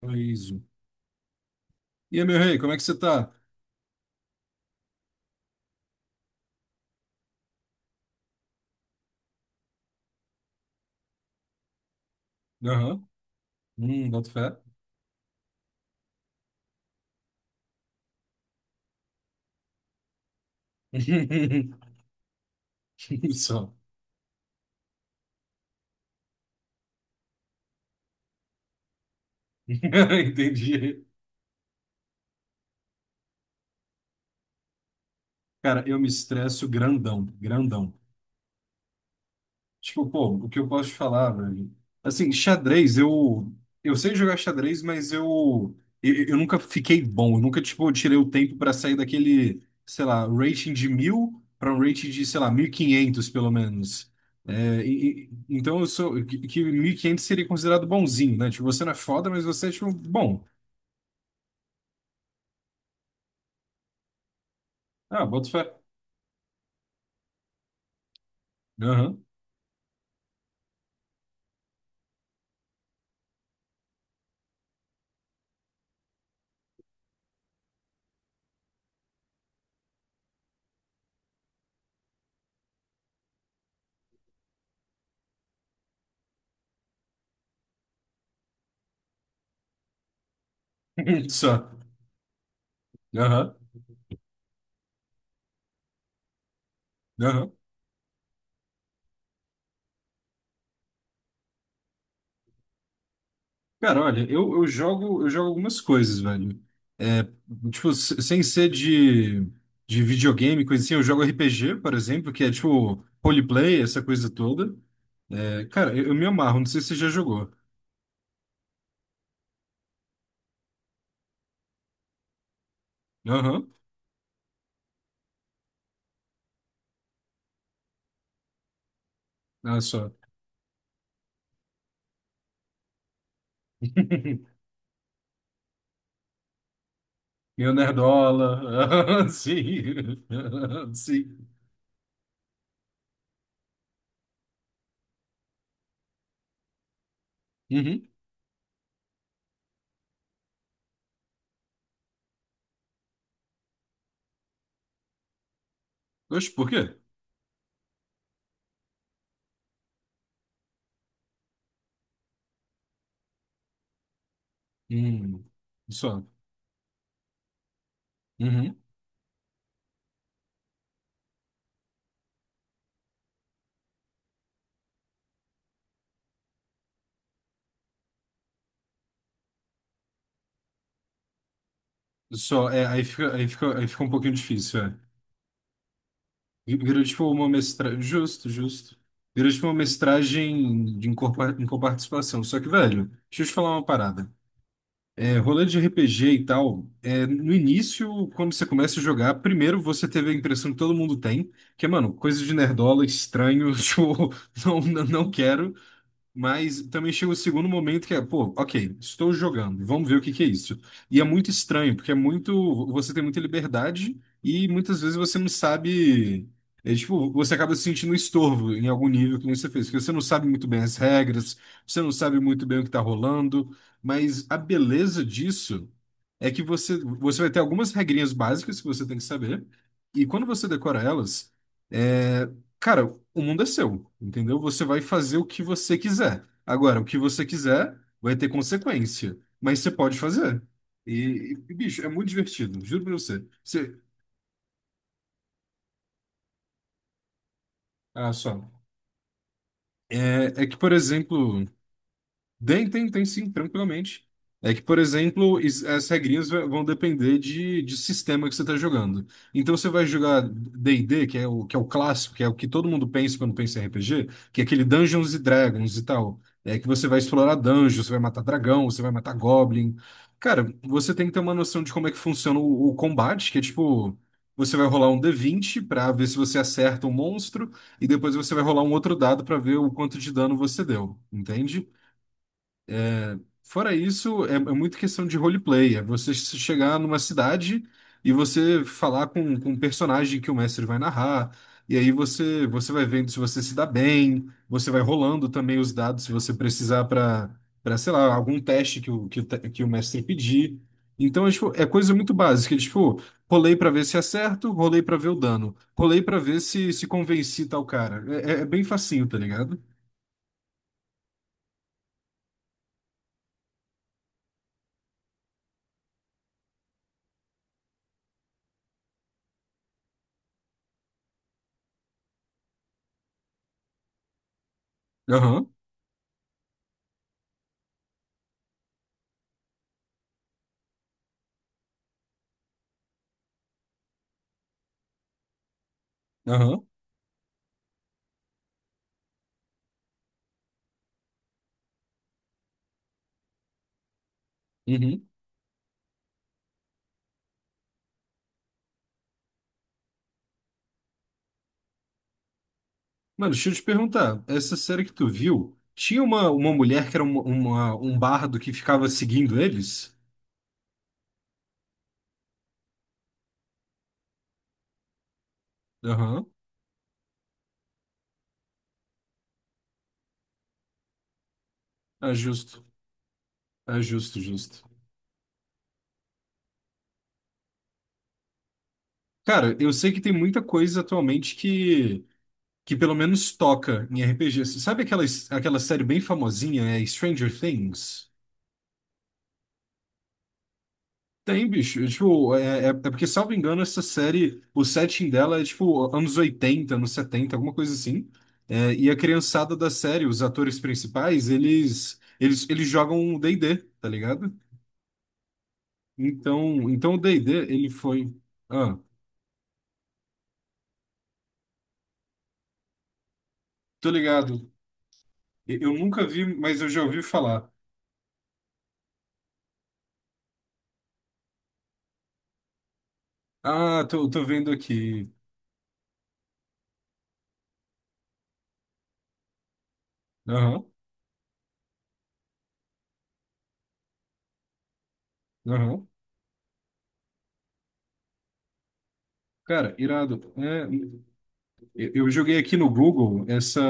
Paraíso. E aí, meu rei, como é que você tá? Aham. Boto fé. Só. Entendi. Cara, eu me estresso grandão, grandão. Tipo, pô, o que eu posso te falar, velho? Assim, xadrez, eu sei jogar xadrez, mas eu nunca fiquei bom. Eu nunca, tipo, tirei o tempo para sair daquele, sei lá, rating de 1.000 para um rating de, sei lá, 1.500 pelo menos. É, então eu sou que 1.500 seria considerado bonzinho, né? Tipo, você não é foda, mas você é tipo bom. Ah, boto fé. Aham. Só. Aham. Aham. Cara, olha, eu jogo algumas coisas, velho. É, tipo, sem ser de videogame, coisa assim, eu jogo RPG, por exemplo, que é tipo roleplay, essa coisa toda. É, cara, eu me amarro, não sei se você já jogou. Aham. Olha só. Meu nerdola. Sim. Sim. Uhum. Oxe, por quê? Hum. Só. Uhum. Só, é, aí fica um pouquinho difícil, é. Virou tipo uma mestragem. Justo, justo. Virou tipo uma mestragem de em coparticipação. Só que, velho, deixa eu te falar uma parada. É, rolê de RPG e tal, é, no início, quando você começa a jogar, primeiro você teve a impressão que todo mundo tem, que é, mano, coisa de nerdola, estranho, tipo, não, não não quero. Mas também chega o segundo momento que é, pô, ok, estou jogando, vamos ver o que que é isso. E é muito estranho, porque é muito, você tem muita liberdade e muitas vezes você não sabe, é, tipo, você acaba se sentindo um estorvo em algum nível que nem você fez, porque você não sabe muito bem as regras, você não sabe muito bem o que está rolando, mas a beleza disso é que você vai ter algumas regrinhas básicas que você tem que saber, e quando você decora elas, é, cara, o mundo é seu, entendeu? Você vai fazer o que você quiser. Agora, o que você quiser vai ter consequência, mas você pode fazer. Bicho, é muito divertido, juro pra você. Você, ah, só. É que, por exemplo. Tem sim, tranquilamente. É que, por exemplo, as regrinhas vão depender de sistema que você está jogando. Então, você vai jogar D&D, que é o, clássico, que é o que todo mundo pensa quando pensa em RPG, que é aquele Dungeons e Dragons e tal. É que você vai explorar dungeons, você vai matar dragão, você vai matar goblin. Cara, você tem que ter uma noção de como é que funciona o combate, que é tipo, você vai rolar um d20 para ver se você acerta um monstro, e depois você vai rolar um outro dado para ver o quanto de dano você deu, entende? Fora isso, é muito questão de roleplay. É você chegar numa cidade e você falar com um personagem que o mestre vai narrar. E aí você vai vendo se você se dá bem, você vai rolando também os dados se você precisar para, para, sei lá, algum teste que o mestre pedir. Então, é, tipo, é coisa muito básica. É, tipo, rolei para ver se acerto, rolei para ver o dano, rolei para ver se convenci tal cara. É bem facinho, tá ligado? Aham, aham. Uhum. Mano, deixa eu te perguntar, essa série que tu viu, tinha uma mulher que era uma, um bardo que ficava seguindo eles? Aham. É justo, é justo, justo. Cara, eu sei que tem muita coisa atualmente que pelo menos toca em RPG. Sabe aquela série bem famosinha, é Stranger Things? Tem, bicho. Tipo, é porque, salvo engano, essa série, o setting dela é tipo anos 80 anos 70 alguma coisa assim. É, e a criançada da série, os atores principais, eles jogam D&D, tá ligado? Então o D&D, ele foi. Ah, tô ligado. Eu nunca vi, mas eu já ouvi falar. Ah, tô vendo aqui. Aham, aham. Cara, irado. É, eu joguei aqui no Google essa,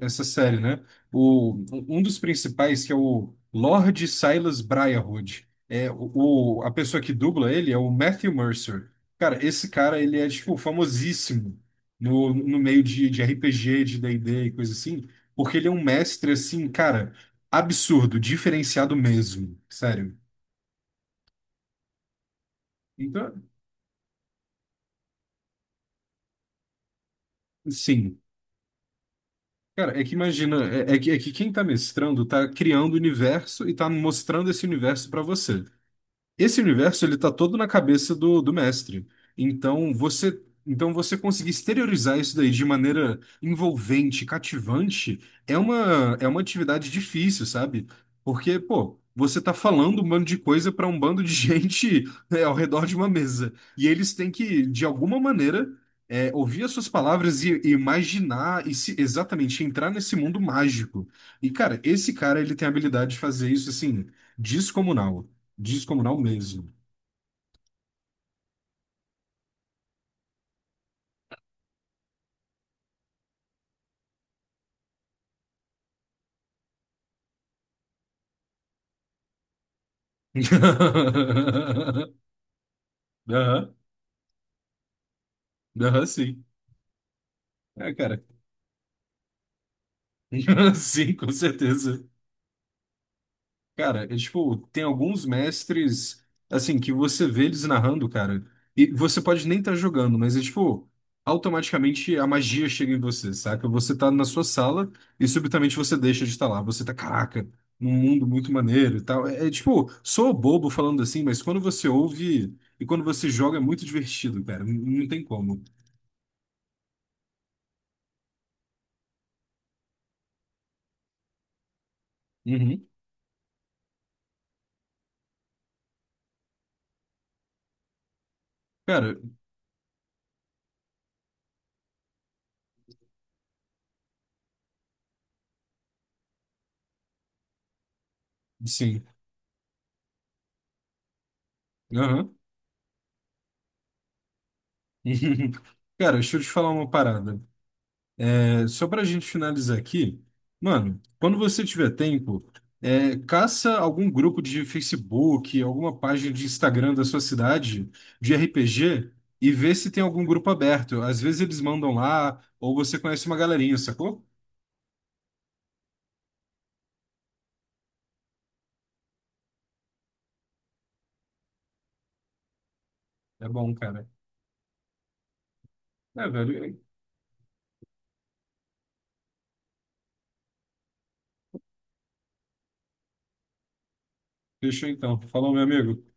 essa série, né? Um dos principais, que é o Lord Silas Briarwood, é a pessoa que dubla ele é o Matthew Mercer. Cara, esse cara, ele é, tipo, famosíssimo no meio de RPG, de D&D e D e coisa assim, porque ele é um mestre, assim, cara, absurdo, diferenciado mesmo, sério. Então, sim. Cara, é que imagina, é que quem tá mestrando tá criando o universo e tá mostrando esse universo pra você. Esse universo ele tá todo na cabeça do mestre. Então você, então você conseguir exteriorizar isso daí de maneira envolvente, cativante, é uma atividade difícil, sabe? Porque, pô, você tá falando um bando de coisa para um bando de gente, né, ao redor de uma mesa. E eles têm que, de alguma maneira, é, ouvir as suas palavras e imaginar e se, exatamente entrar nesse mundo mágico. E, cara, esse cara ele tem a habilidade de fazer isso assim descomunal. Descomunal mesmo. Aham, aham, sim. É, cara. Sim, com certeza. Cara, é, tipo, tem alguns mestres, assim, que você vê eles narrando, cara, e você pode nem estar jogando, mas é tipo, automaticamente a magia chega em você, saca? Você tá na sua sala e subitamente você deixa de estar lá. Você tá, caraca, num mundo muito maneiro e tal. É, tipo, sou bobo falando assim, mas quando você ouve e quando você joga é muito divertido, cara. Não não tem como. Uhum. Cara, sim. Aham. Cara, deixa eu te falar uma parada. É, só pra gente finalizar aqui, mano, quando você tiver tempo, é, caça algum grupo de Facebook, alguma página de Instagram da sua cidade de RPG e vê se tem algum grupo aberto. Às vezes eles mandam lá, ou você conhece uma galerinha, sacou? É bom, cara. É, velho. Fechou então. Falou, meu amigo.